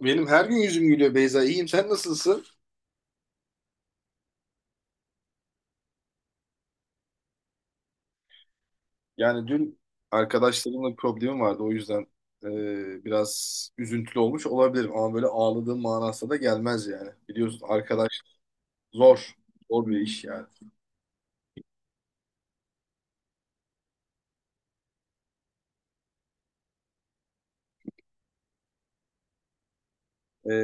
Benim her gün yüzüm gülüyor Beyza. İyiyim. Sen nasılsın? Yani dün arkadaşlarımla bir problemim vardı. O yüzden biraz üzüntülü olmuş olabilirim. Ama böyle ağladığım manasına da gelmez yani. Biliyorsun arkadaş zor. Zor bir iş yani. E,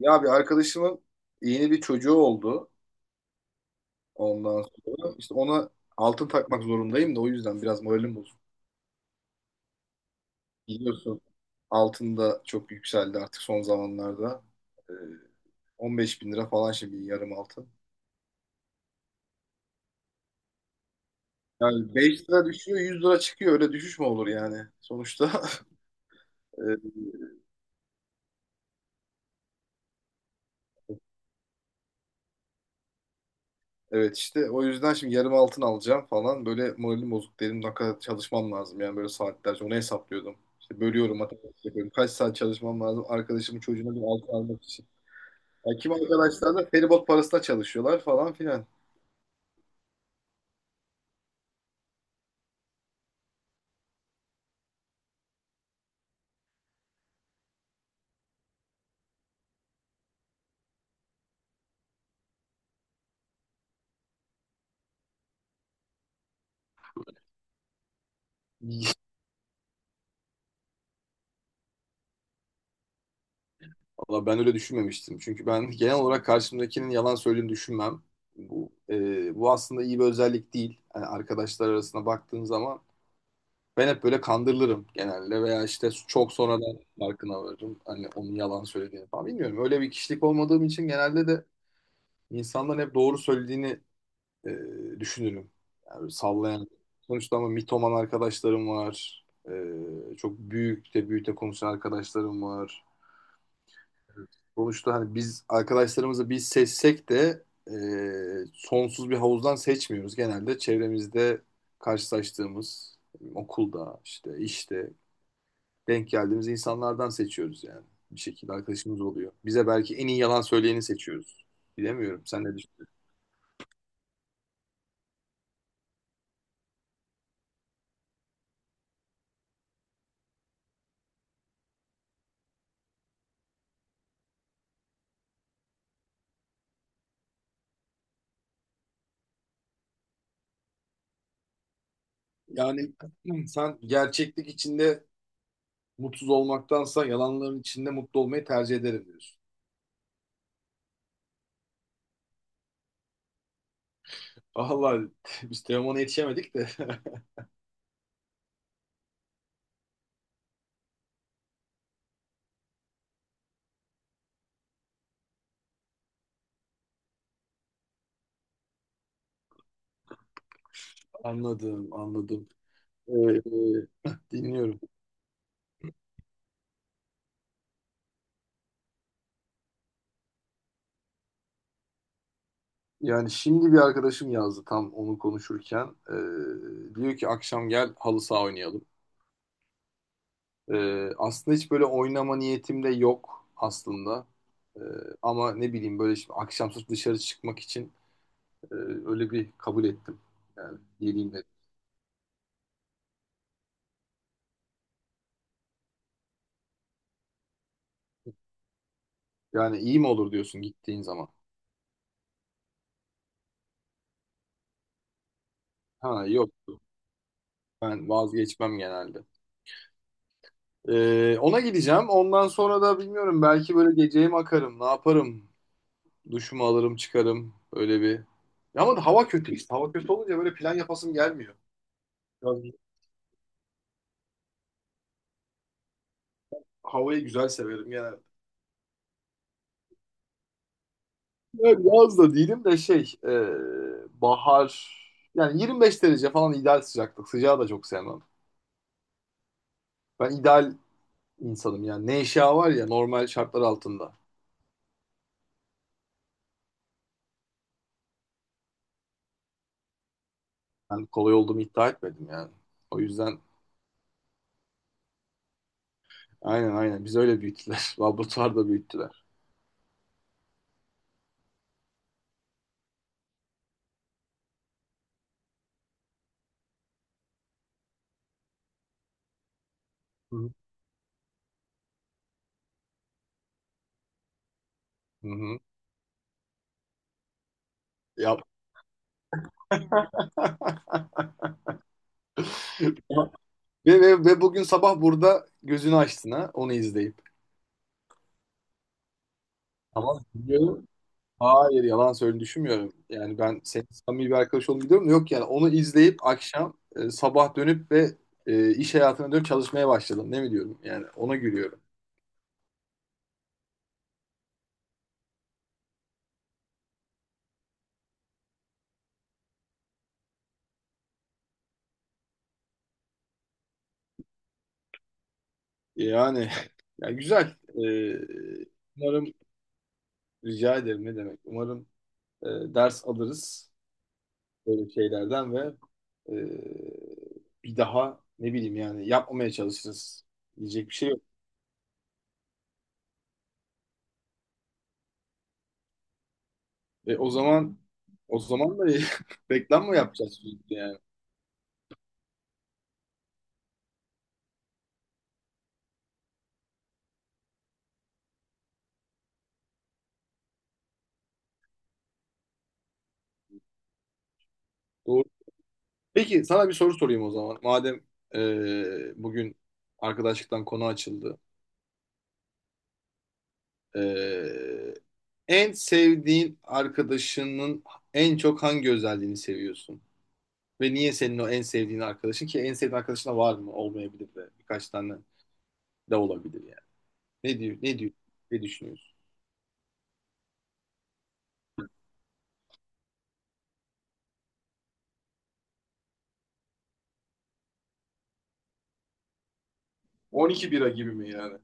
Ya bir arkadaşımın yeni bir çocuğu oldu. Ondan sonra işte ona altın takmak zorundayım da o yüzden biraz moralim bozuk. Biliyorsun altın da çok yükseldi artık son zamanlarda. E, 15 bin lira falan şimdi yarım altın. Yani 5 lira düşüyor, 100 lira çıkıyor, öyle düşüş mü olur yani sonuçta. e, evet işte, o yüzden şimdi yarım altın alacağım falan, böyle moralim bozuk dedim. Ne kadar çalışmam lazım yani, böyle saatlerce onu hesaplıyordum İşte, bölüyorum, matematik yapıyorum, kaç saat çalışmam lazım arkadaşımın çocuğuna bir altın almak için. Ya kim, arkadaşlar da feribot parasına çalışıyorlar falan filan. Valla ben öyle düşünmemiştim. Çünkü ben genel olarak karşımdakinin yalan söylediğini düşünmem. Bu aslında iyi bir özellik değil. Yani arkadaşlar arasına baktığın zaman ben hep böyle kandırılırım genelde, veya işte çok sonradan farkına varırım. Hani onun yalan söylediğini falan bilmiyorum. Öyle bir kişilik olmadığım için genelde de insanların hep doğru söylediğini e, düşünürüm. Yani sallayan. Sonuçta ama mitoman arkadaşlarım var. Çok büyük de büyük de konuşan arkadaşlarım var. Sonuçta hani biz arkadaşlarımızı biz seçsek de sonsuz bir havuzdan seçmiyoruz. Genelde çevremizde karşılaştığımız, okulda işte, denk geldiğimiz insanlardan seçiyoruz yani. Bir şekilde arkadaşımız oluyor. Bize belki en iyi yalan söyleyeni seçiyoruz. Bilemiyorum. Sen ne düşünüyorsun? Yani sen gerçeklik içinde mutsuz olmaktansa yalanların içinde mutlu olmayı tercih ederim diyorsun. Allah, biz Teoman'a yetişemedik de. Anladım, anladım. Ee, Dinliyorum. Yani şimdi bir arkadaşım yazdı tam onu konuşurken. Diyor ki akşam gel halı saha oynayalım. Aslında hiç böyle oynama niyetim de yok aslında. Ee, Ama ne bileyim, böyle şimdi akşam sırf dışarı çıkmak için e, öyle bir kabul ettim. Yani geleyim dedim. Yani iyi mi olur diyorsun gittiğin zaman? Ha yoktu. Ben vazgeçmem genelde. Ona gideceğim. Ondan sonra da bilmiyorum, belki böyle geceye mi akarım, ne yaparım? Duşumu alırım, çıkarım. Öyle bir. Ya ama hava kötü işte. Hava kötü olunca böyle plan yapasım gelmiyor. Biraz havayı güzel severim yani. Yani yaz da değilim de şey, bahar yani, 25 derece falan ideal sıcaklık. Sıcağı da çok sevmem. Ben ideal insanım yani. Neşe var ya, normal şartlar altında. Ben kolay olduğumu iddia etmedim yani. O yüzden, aynen aynen, biz öyle büyüttüler. Laboratuvarda büyüttüler. Hı hı. Hı hı. Ya, ve bugün sabah burada gözünü açtın ha, onu izleyip. Tamam. Hayır, yalan söyle düşünmüyorum. Yani ben senin samimi bir arkadaş olduğunu biliyorum da. Yok yani, onu izleyip akşam, sabah dönüp ve iş hayatına dönüp çalışmaya başladım. Ne mi diyorum? Yani ona gülüyorum. Yani, yani güzel. Umarım, rica ederim ne demek. Umarım e, ders alırız böyle şeylerden ve e, bir daha ne bileyim yani yapmamaya çalışırız. Diyecek bir şey yok. E, o zaman o zaman da reklam mı yapacağız sürekli yani? Doğru. Peki sana bir soru sorayım o zaman. Madem bugün arkadaşlıktan konu açıldı. E, En sevdiğin arkadaşının en çok hangi özelliğini seviyorsun? Ve niye senin o en sevdiğin arkadaşın ki? En sevdiğin arkadaşına var mı? Olmayabilir de, birkaç tane de olabilir yani. Ne diyor, ne diyor, Ne düşünüyorsun? 12 bira gibi mi yani?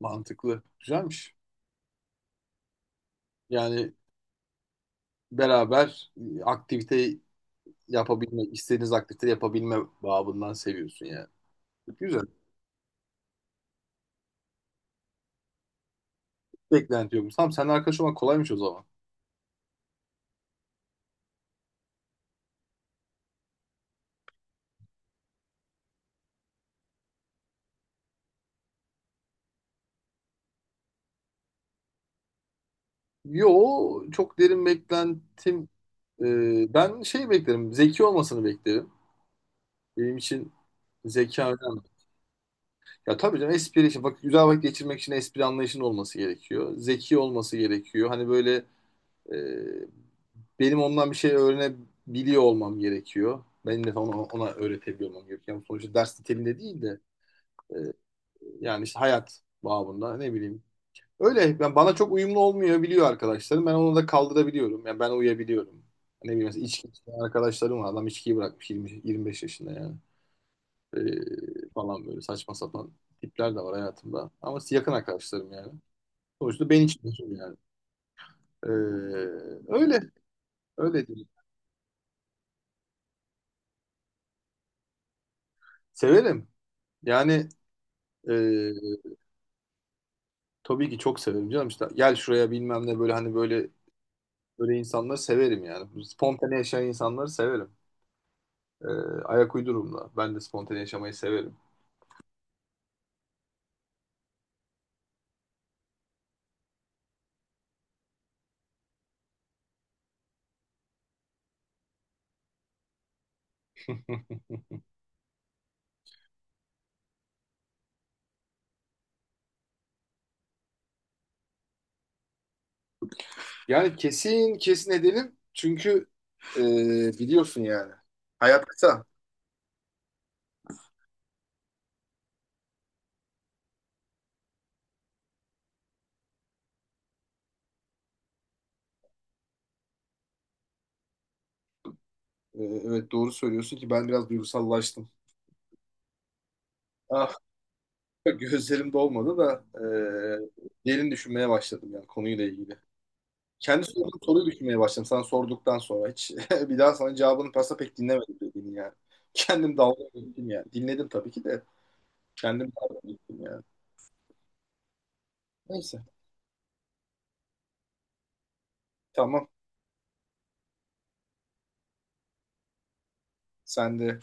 Mantıklı. Güzelmiş. Yani beraber aktivite yapabilme, istediğiniz aktivite yapabilme babından seviyorsun yani. Güzel. Beklenti yokmuş. Tamam, seninle arkadaş olmak kolaymış o zaman. Yo, çok derin beklentim. Ben şey beklerim. Zeki olmasını beklerim. Benim için zeka önemli. Ya tabii canım, espri için. Bak, güzel vakit geçirmek için espri anlayışının olması gerekiyor. Zeki olması gerekiyor. Hani böyle, e, benim ondan bir şey öğrenebiliyor olmam gerekiyor. Benim de ona, öğretebiliyor olmam gerekiyor. Yani sonuçta ders niteliğinde değil de, e, yani işte hayat babında ne bileyim. Öyle yani, bana çok uyumlu olmuyor biliyor arkadaşlarım. Ben onu da kaldırabiliyorum. Yani ben uyuyabiliyorum. Ne bileyim, mesela içki içen arkadaşlarım var. Adam içkiyi bırakmış 20, 25 yaşında yani. Falan böyle saçma sapan tipler de var hayatımda. Ama yakın arkadaşlarım yani. Sonuçta ben içmiyorum yani. Ee, Öyle. Öyle değil. Severim. Yani e, tabii ki çok severim canım işte. Gel şuraya, bilmem ne, böyle hani, böyle böyle insanları severim yani. Spontane yaşayan insanları severim. Ee, Ayak uydururum da. Ben de spontane yaşamayı severim. Yani kesin kesin edelim. Çünkü e, biliyorsun yani. Hayat kısa. Evet doğru söylüyorsun ki, ben biraz duygusallaştım. Ah, gözlerim dolmadı da derin düşünmeye başladım yani konuyla ilgili. Kendi sorduğum soruyu düşünmeye başladım sana sorduktan sonra. Hiç bir daha sana cevabını pasa pek dinlemedim dediğini yani. Kendim dalga geçtim yani. Dinledim tabii ki de, kendim dalga geçtim yani. Neyse, tamam. Sen de